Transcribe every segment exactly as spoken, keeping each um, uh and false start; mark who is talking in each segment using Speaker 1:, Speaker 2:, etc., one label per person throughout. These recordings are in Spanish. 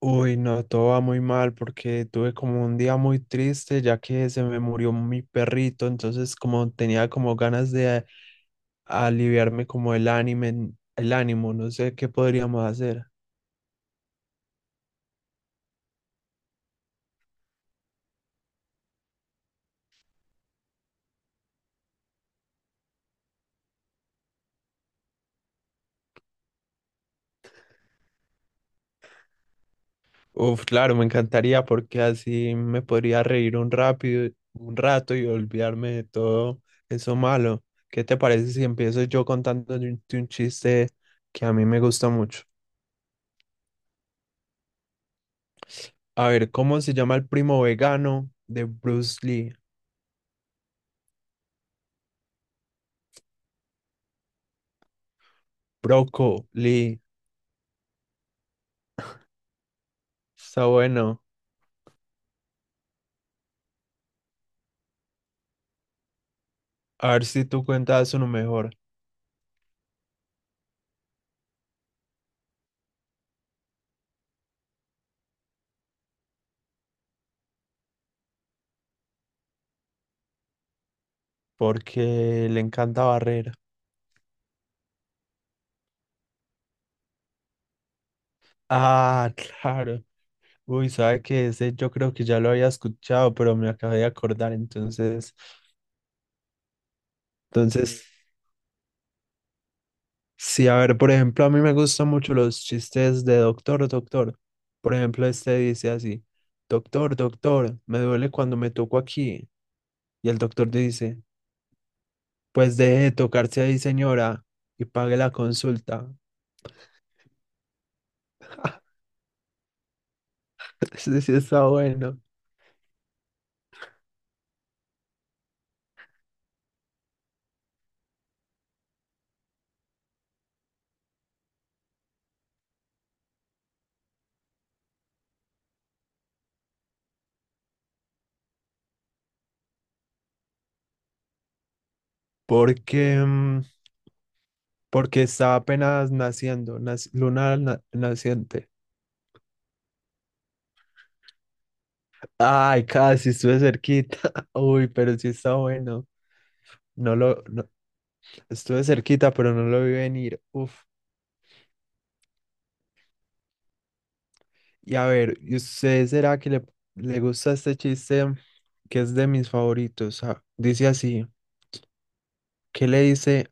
Speaker 1: Uy, no, todo va muy mal porque tuve como un día muy triste ya que se me murió mi perrito, entonces como tenía como ganas de aliviarme como el ánimo, el ánimo, no sé qué podríamos hacer. Uf, claro, me encantaría porque así me podría reír un rápido, un rato y olvidarme de todo eso malo. ¿Qué te parece si empiezo yo contándote un un chiste que a mí me gusta mucho? A ver, ¿cómo se llama el primo vegano de Bruce Lee? Brócoli, está bueno. A ver si tú cuentas uno mejor, porque le encanta barrer. Ah, claro. Uy, sabe que ese yo creo que ya lo había escuchado, pero me acabé de acordar. Entonces, entonces, sí, a ver, por ejemplo, a mí me gustan mucho los chistes de doctor, doctor. Por ejemplo, este dice así, doctor, doctor, me duele cuando me toco aquí. Y el doctor dice, pues deje de tocarse ahí, señora, y pague la consulta. Sí, sí, está bueno. Porque, mm, porque está apenas naciendo, nac- luna na- naciente. Ay, casi estuve cerquita. Uy, pero sí está bueno. No lo, no- Estuve cerquita, pero no lo vi venir. Uf. Y a ver, ¿y usted será que le, le gusta este chiste que es de mis favoritos? Ah, dice así, ¿qué le dice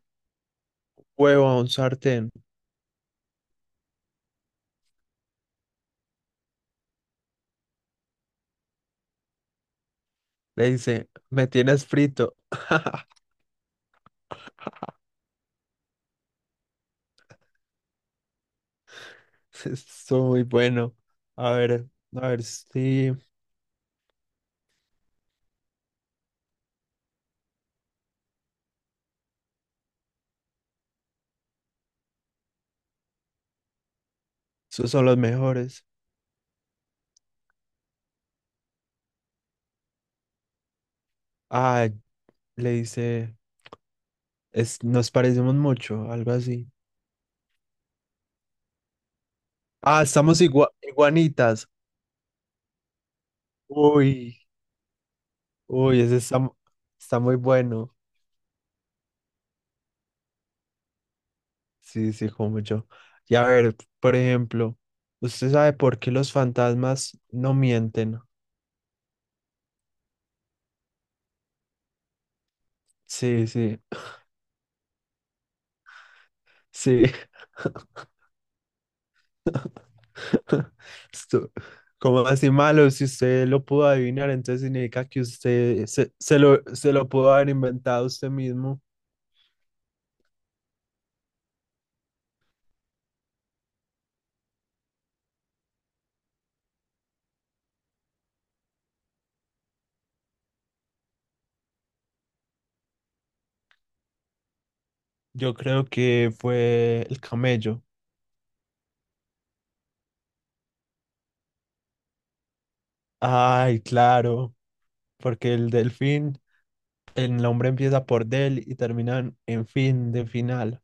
Speaker 1: huevo a un sartén? Le dice, me tienes frito. Estuvo muy bueno. A ver, a ver si... Esos son los mejores. Ah, le dice, es, nos parecemos mucho, algo así. Ah, estamos igua- iguanitas. Uy, uy, ese está, mu- está muy bueno. Sí, sí, como yo. Y a ver, por ejemplo, ¿usted sabe por qué los fantasmas no mienten? Sí, sí, sí. Esto, como así malo, si usted lo pudo adivinar, entonces significa que usted se, se lo, se lo pudo haber inventado usted mismo. Yo creo que fue el camello. Ay, claro, porque el delfín, el nombre empieza por del y termina en, en fin, de final.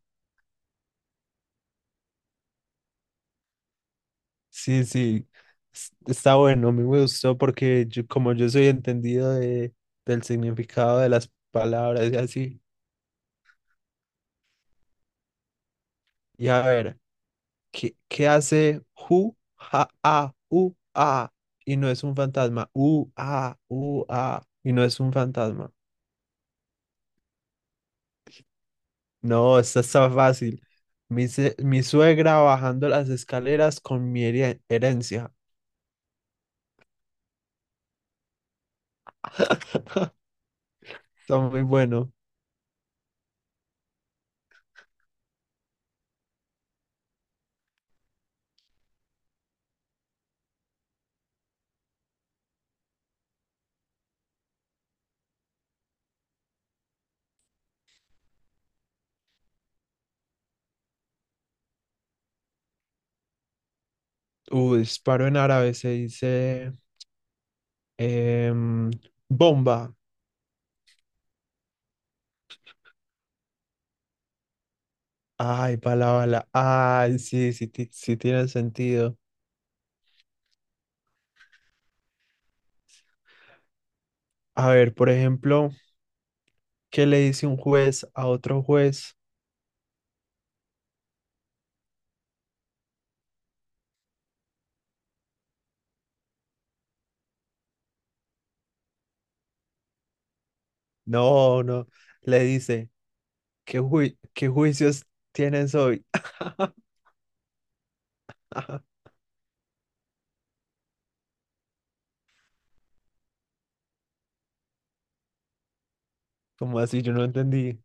Speaker 1: Sí, sí, es- está bueno, a mí me gustó porque yo, como yo soy entendido de, del significado de las palabras y así. Y a ver, ¿qué, qué hace ju, ja, a, u, a? Y no es un fantasma, u, a, u, a, y no es un fantasma. No, esta está fácil. Mi, se- mi suegra bajando las escaleras con mi here- herencia. Está muy bueno. Uh, disparo en árabe se dice em, bomba. Ay, bala, bala. Ay, sí, sí, ti- sí tiene sentido. A ver, por ejemplo, ¿qué le dice un juez a otro juez? No, no. Le dice, ¿qué, ju- qué juicios tienes hoy? como así? Yo no entendí.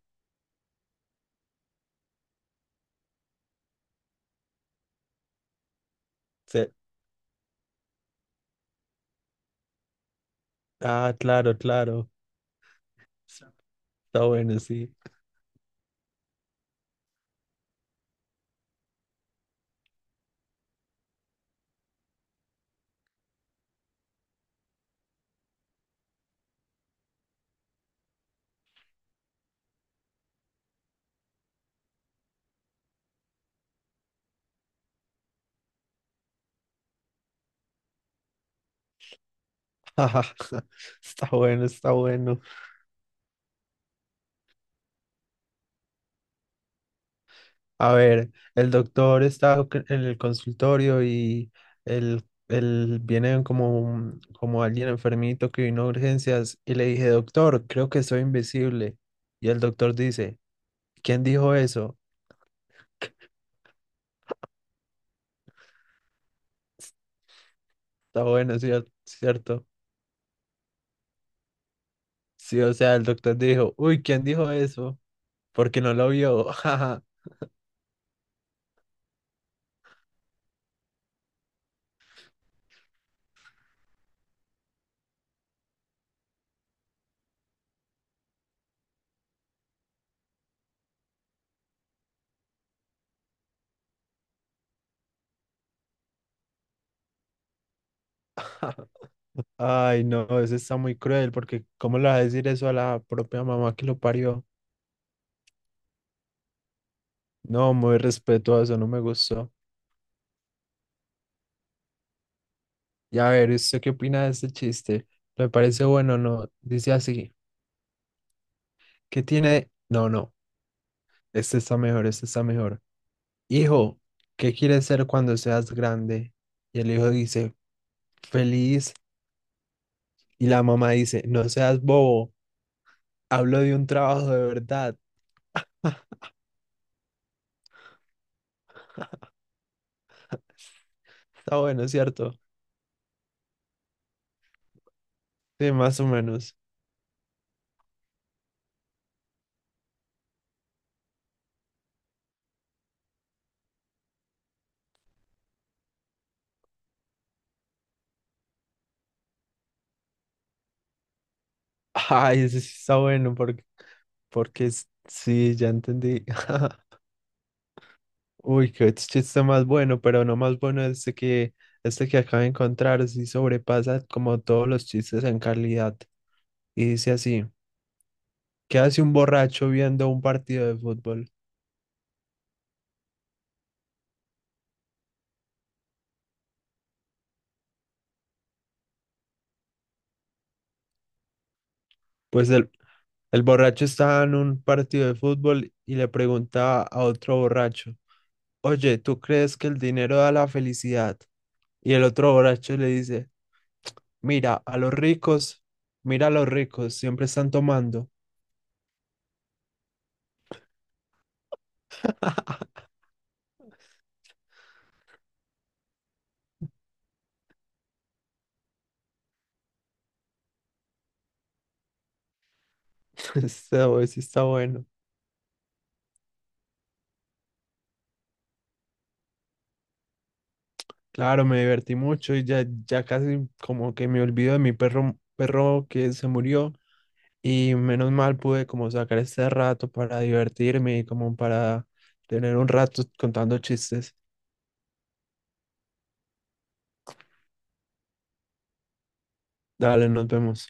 Speaker 1: Se, ah, claro, claro. Está bueno, sí. Está bueno, está bueno. A ver, el doctor está c- en el consultorio y el, el- viene como, un- como alguien enfermito que vino a urgencias y le dije, doctor, creo que soy invisible. Y el doctor dice, ¿quién dijo eso? Está bueno, cier- cierto. Sí, o sea, el doctor dijo, uy, ¿quién dijo eso? Porque no lo vio. Ay, no, eso está muy cruel porque ¿cómo le va a decir eso a la propia mamá que lo parió? No, muy respetuoso, no me gustó. Y a ver, ¿usted qué opina de este chiste? ¿Le parece bueno o no? Dice así, ¿qué tiene? No, no, este está mejor, este está mejor. Hijo, ¿qué quieres ser cuando seas grande? Y el hijo dice, feliz. Y la mamá dice, no seas bobo, hablo de un trabajo de verdad. Está bueno, ¿cierto? Sí, más o menos. Ay, ese sí está bueno, porque, porque es- sí, ya entendí. Uy, qué chiste más bueno, pero no más bueno este que este que acabo de encontrar, sí sobrepasa como todos los chistes en calidad. Y dice así, ¿qué hace un borracho viendo un partido de fútbol? Pues el, el borracho estaba en un partido de fútbol y le pregunta a otro borracho, oye, ¿tú crees que el dinero da la felicidad? Y el otro borracho le dice, mira, a los ricos, mira a los ricos, siempre están tomando. Este sí está bueno. Claro, me divertí mucho y ya, ya casi como que me olvido de mi perro, perro que se murió y menos mal pude como sacar este rato para divertirme y como para tener un rato contando chistes. Dale, nos vemos.